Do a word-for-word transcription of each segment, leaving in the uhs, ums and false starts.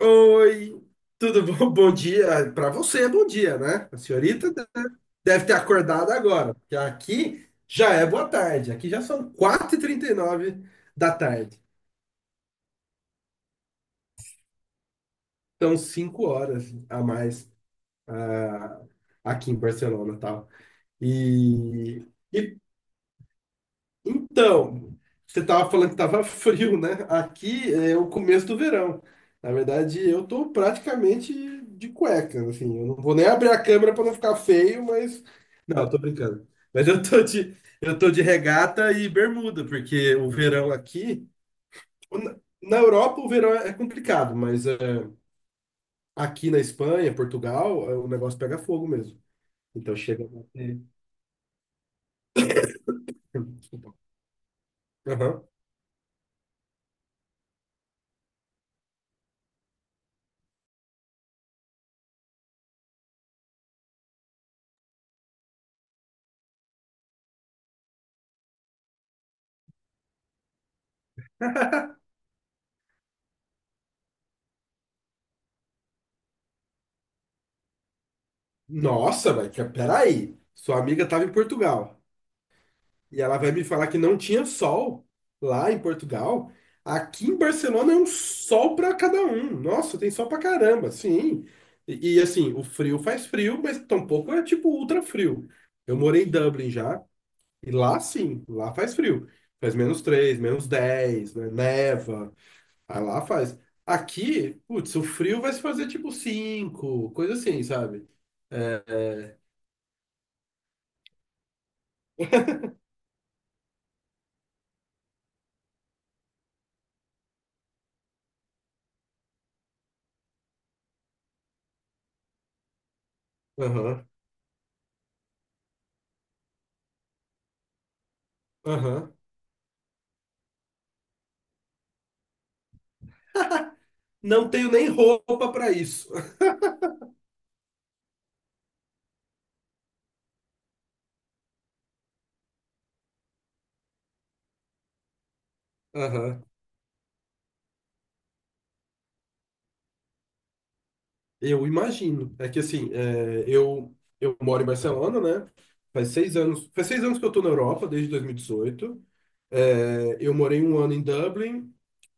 Oi, tudo bom? Bom dia. Para você é bom dia, né? A senhorita de- deve ter acordado agora, porque aqui já é boa tarde. Aqui já são quatro e trinta e nove da tarde. Então, cinco horas a mais ah, aqui em Barcelona, tal. E, e Então, você estava falando que estava frio, né? Aqui é o começo do verão. Na verdade, eu tô praticamente de cueca, assim. Eu não vou nem abrir a câmera para não ficar feio, mas não, eu tô brincando. Mas eu tô de eu tô de regata e bermuda, porque o verão aqui na na Europa o verão é complicado, mas é, aqui na Espanha, Portugal, é, o negócio pega fogo mesmo. Então chega a bater. Desculpa. Aham. Nossa, velho, que- peraí. Sua amiga estava em Portugal. E ela vai me falar que não tinha sol lá em Portugal. Aqui em Barcelona é um sol para cada um. Nossa, tem sol para caramba, sim. E, e, assim, o frio faz frio, mas tampouco é tipo ultra frio. Eu morei em Dublin já, e lá sim, lá faz frio. Faz menos três, menos dez, né? Neva, aí lá faz. Aqui, putz, o frio vai se fazer tipo cinco, coisa assim, sabe? É, é, aham, aham. Não tenho nem roupa para isso. Eu imagino. É que assim, é, eu, eu moro em Barcelona, né? Faz seis anos, faz seis anos que eu tô na Europa, desde dois mil e dezoito. É, eu morei um ano em Dublin,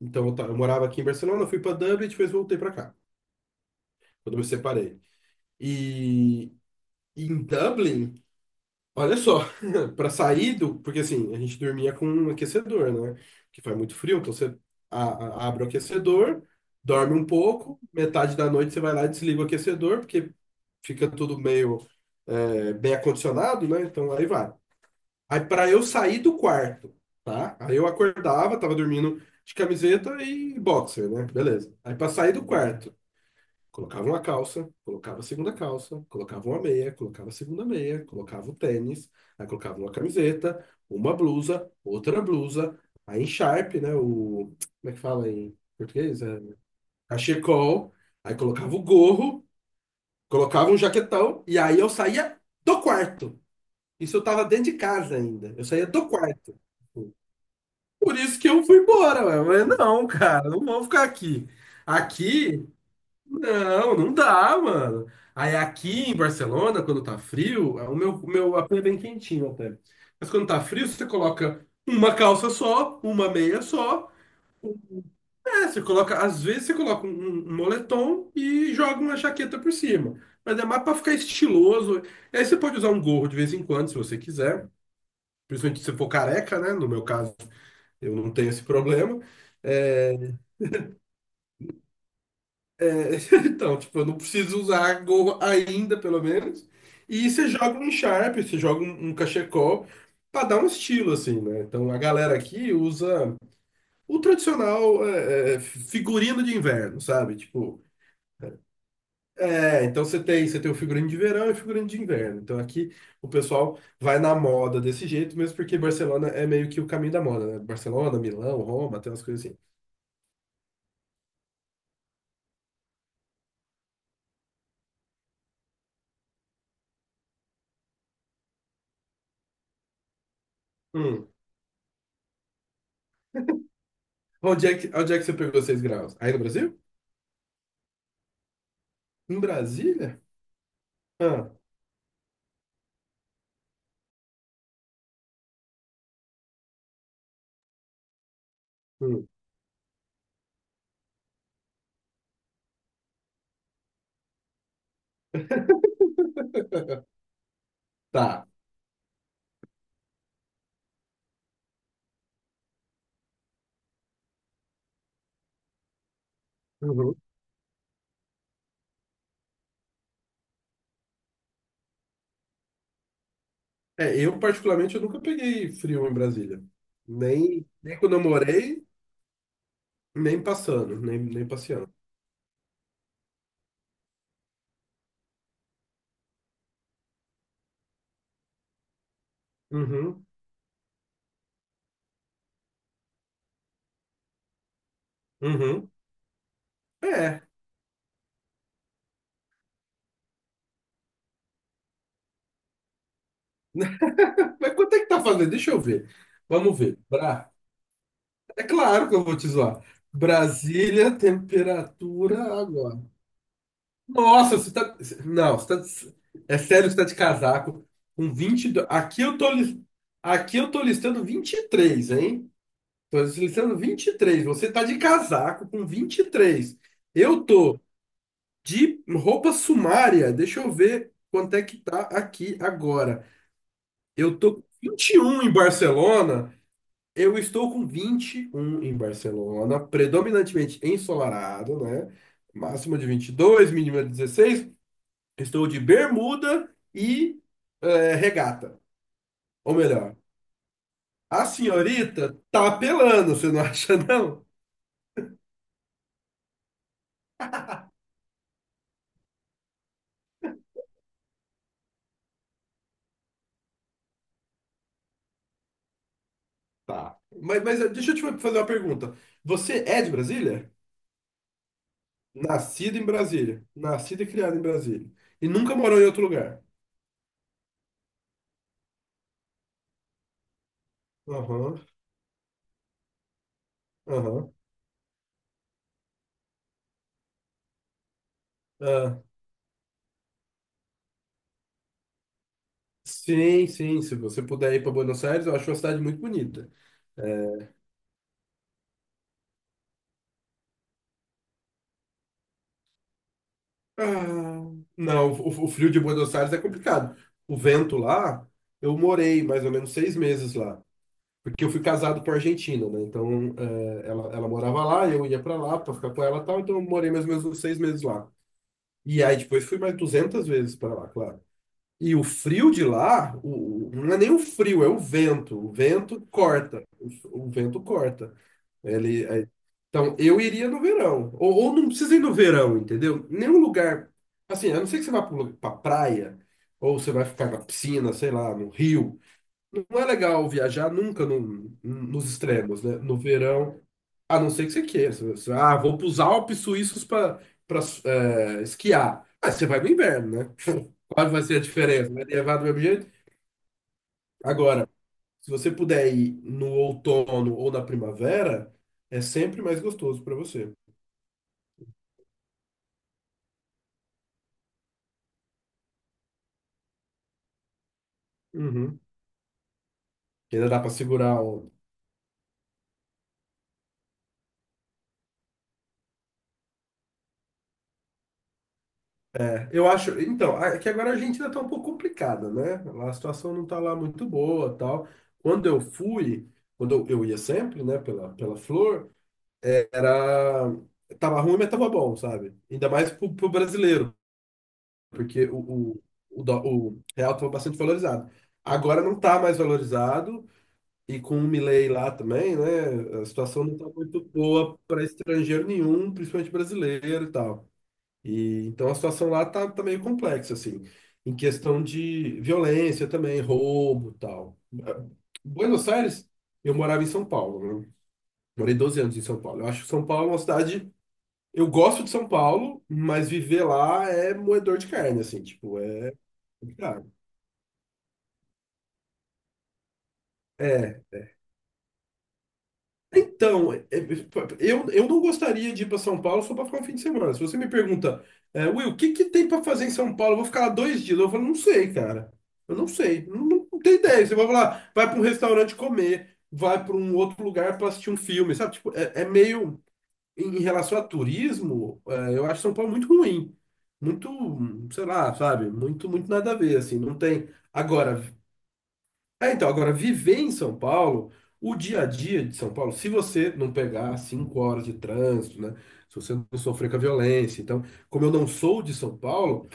então eu, ta- eu morava aqui em Barcelona, fui para Dublin e depois voltei para cá, quando me separei. E em Dublin, olha só, para sair do. Porque assim, a gente dormia com um aquecedor, né? Que faz muito frio, então você a- a- abre o aquecedor, dorme um pouco, metade da noite você vai lá e desliga o aquecedor, porque fica tudo meio é, bem acondicionado, né? Então aí vai. Aí para eu sair do quarto, tá? Aí eu acordava, tava dormindo de camiseta e boxer, né? Beleza. Aí para sair do quarto. Colocava uma calça, colocava a segunda calça, colocava uma meia, colocava a segunda meia, colocava o tênis, aí colocava uma camiseta, uma blusa, outra blusa, aí encharpe, né? O, como é que fala em português? É, cachecol, aí colocava o gorro, colocava um jaquetão, e aí eu saía do quarto. Isso eu tava dentro de casa ainda. Eu saía do quarto. Por isso que eu fui embora, ué. Mas não, cara, não vamos ficar aqui. Aqui não, não dá, mano. Aí aqui em Barcelona, quando tá frio, é o meu, o meu A P é bem quentinho até. Mas quando tá frio, você coloca uma calça só, uma meia só. É, você coloca, às vezes você coloca um, um um moletom e joga uma jaqueta por cima. Mas é mais pra ficar estiloso. E aí você pode usar um gorro de vez em quando, se você quiser. Principalmente se você for careca, né? No meu caso, eu não tenho esse problema. É. Então, tipo, eu não preciso usar gorro ainda, pelo menos. E você joga um Sharp, você joga um, um cachecol pra dar um estilo, assim, né? Então a galera aqui usa o tradicional é, é, figurino de inverno, sabe? Tipo, é, então você tem, você tem o figurino de verão e o figurino de inverno. Então aqui o pessoal vai na moda desse jeito, mesmo porque Barcelona é meio que o caminho da moda, né? Barcelona, Milão, Roma, tem umas coisas assim. Hum. Onde é que, onde é que você pegou seis graus? Aí no Brasil? Em Brasília? Ah. Hum. Tá. Uhum. É, eu particularmente eu nunca peguei frio em Brasília. Nem, nem quando eu morei, nem passando, nem, nem passeando. Uhum. Uhum. É. Mas quanto é que tá fazendo? Deixa eu ver. Vamos ver. Bra... É claro que eu vou te zoar. Brasília, temperatura agora. Nossa, você tá. Não, você tá. É sério que você tá de casaco. Com vinte e dois. Aqui eu tô, lis- Aqui eu tô listando vinte e três, hein? Tô deslizando vinte e três. Você tá de casaco com vinte e três. Eu tô de roupa sumária. Deixa eu ver quanto é que tá aqui agora. Eu tô com vinte e um em Barcelona. Eu estou com vinte e um em Barcelona, predominantemente ensolarado, né? Máxima de vinte e dois, mínima de dezesseis. Estou de bermuda e eh, regata. Ou melhor, a senhorita tá apelando, você não acha, não? Tá. Mas, mas eh, deixa eu te fazer uma pergunta. Você é de Brasília? Nascido em Brasília. Nascido e criado em Brasília. E nunca morou em outro lugar. Aham, aham. Ah, sim, sim. Se você puder ir para Buenos Aires, eu acho uma cidade muito bonita. Ah, não, o, o frio de Buenos Aires é complicado. O vento lá, eu morei mais ou menos seis meses lá. Porque eu fui casado com a Argentina, né? Então, eh, ela, ela morava lá, eu ia para lá para ficar com ela e tal. Então, eu morei mais ou menos uns seis meses lá. E aí depois fui mais duzentas vezes para lá, claro. E o frio de lá, o, o- não é nem o frio, é o vento. O vento corta. O, o vento corta. Ele, aí- então, eu iria no verão. Ou, ou não precisa ir no verão, entendeu? Nenhum lugar. Assim, a não ser que você vá para pra praia, ou você vai ficar na piscina, sei lá, no rio. Não é legal viajar nunca no- nos extremos, né? No verão, a não ser que você queira. Você- você- ah, vou para os Alpes suíços para esquiar. Ah, você vai no inverno, né? Qual vai ser a diferença? Vai levar do mesmo jeito? Agora, se você puder ir no outono ou na primavera, é sempre mais gostoso para você. Uhum. Porque ainda dá para segurar. Eu acho, então, é que agora a Argentina tá um pouco complicada, né? Lá A situação não tá lá muito boa, tal. Quando eu fui, quando eu, eu ia sempre, né, pela, pela Flor, é, era tava ruim, mas tava bom, sabe? Ainda mais pro, pro brasileiro, porque o, o, o, dó- o real tava bastante valorizado. Agora não tá mais valorizado e com o Milei lá também, né? A situação não tá muito boa para estrangeiro nenhum, principalmente brasileiro e tal. E, então a situação lá tá, tá meio complexa, assim, em questão de violência também, roubo e tal. Eh, Buenos Aires, eu morava em São Paulo, né? Morei doze anos em São Paulo. Eu acho que São Paulo é uma cidade. Eu gosto de São Paulo, mas viver lá é moedor de carne, assim, tipo, é complicado. É, Então, é- é- eu, eu não gostaria de ir para São Paulo só para ficar um fim de semana. Se você me pergunta, é, Will, o que que tem para fazer em São Paulo? Eu vou ficar lá dois dias. Eu falo, não sei, cara. Eu não sei. Não, não, não tenho ideia. Você vai lá, vai para um restaurante comer, vai para um outro lugar para assistir um filme, sabe? Tipo, é, é meio. Em em relação a turismo, é, eu acho São Paulo muito ruim. Muito, sei lá, sabe? Muito, muito nada a ver, assim. Não tem. Agora. É, então, agora, viver em São Paulo, o dia a dia de São Paulo, se você não pegar cinco horas de trânsito, né? Se você não sofrer com a violência. Então, como eu não sou de São Paulo,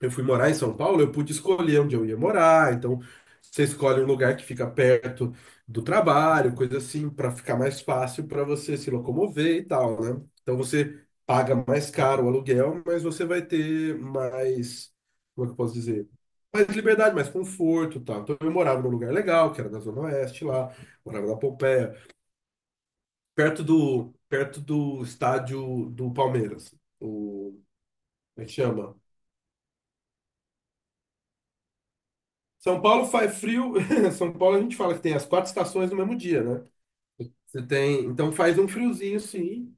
eu fui morar em São Paulo, eu pude escolher onde eu ia morar. Então, você escolhe um lugar que fica perto do trabalho, coisa assim, para ficar mais fácil para você se locomover e tal, né? Então, você paga mais caro o aluguel, mas você vai ter mais, como é que eu posso dizer? Mais liberdade, mais conforto, e tal. Então, eu morava num lugar legal, que era na Zona Oeste lá, morava na Pompeia, perto do perto do estádio do Palmeiras. O, Como é que chama? São Paulo faz frio. São Paulo a gente fala que tem as quatro estações no mesmo dia, né? Você tem, então faz um friozinho, sim.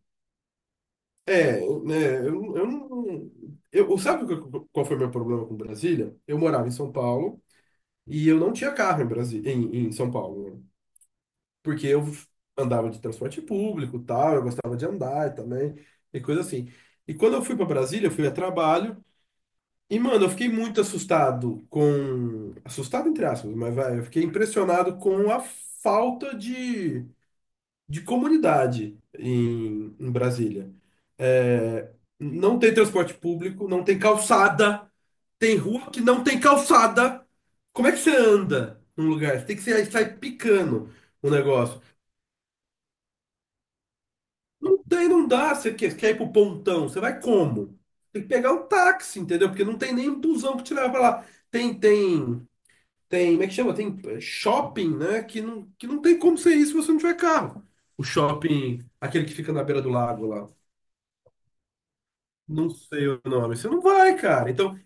É, né, eu, eu não. Eu, sabe o que- Qual foi meu problema com Brasília? Eu morava em São Paulo e eu não tinha carro em Brasília, em, em São Paulo, né? Porque eu andava de transporte público, e tal, eu gostava de andar também, e coisa assim. E quando eu fui para Brasília, eu fui a trabalho. E, mano, eu fiquei muito assustado com. Assustado, entre aspas, mas vai, eu fiquei impressionado com a falta de, de comunidade em, em Brasília. É, não tem transporte público, não tem calçada, tem rua que não tem calçada. Como é que você anda num lugar? Você tem que sair, sair picando o negócio. Não tem, não dá. Você quer, quer ir pro pontão, você vai como? Tem que pegar um táxi, entendeu? Porque não tem nem busão que te leva pra lá. Tem, tem. Tem, como é que chama? Tem eh, shopping, né? Que não, que não tem como ser isso se você não tiver carro. O shopping, aquele que fica na beira do lago lá. Não sei o nome. Você não vai, cara. Então,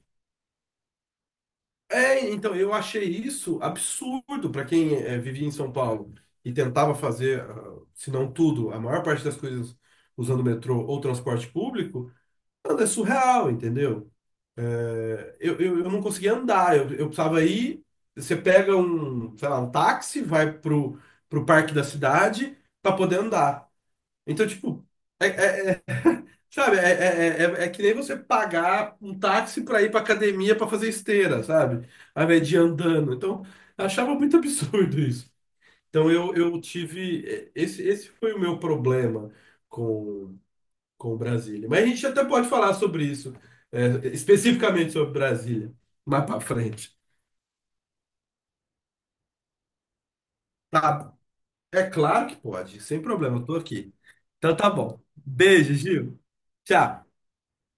é, então eu achei isso absurdo para quem eh, vivia em São Paulo e tentava fazer, ah, se não tudo, a maior parte das coisas usando metrô ou transporte público. Mano, é surreal, entendeu? É, Eu, eu, eu não conseguia andar, eu, eu precisava ir. Você pega um, sei lá, um táxi, vai pro, pro parque da cidade para poder andar. Então, tipo, é, é- é- sabe, é, é, é, é é que nem você pagar um táxi para ir pra academia para fazer esteira, sabe? Ao invés de ir andando. Então, eu achava muito absurdo isso. Então, eu, eu tive. Esse, esse foi o meu problema com Brasília. Mas a gente até pode falar sobre isso, é, especificamente sobre Brasília, mais para frente. Tá, é claro que pode, sem problema, eu tô aqui. Então tá bom. Beijo, Gil. Tchau.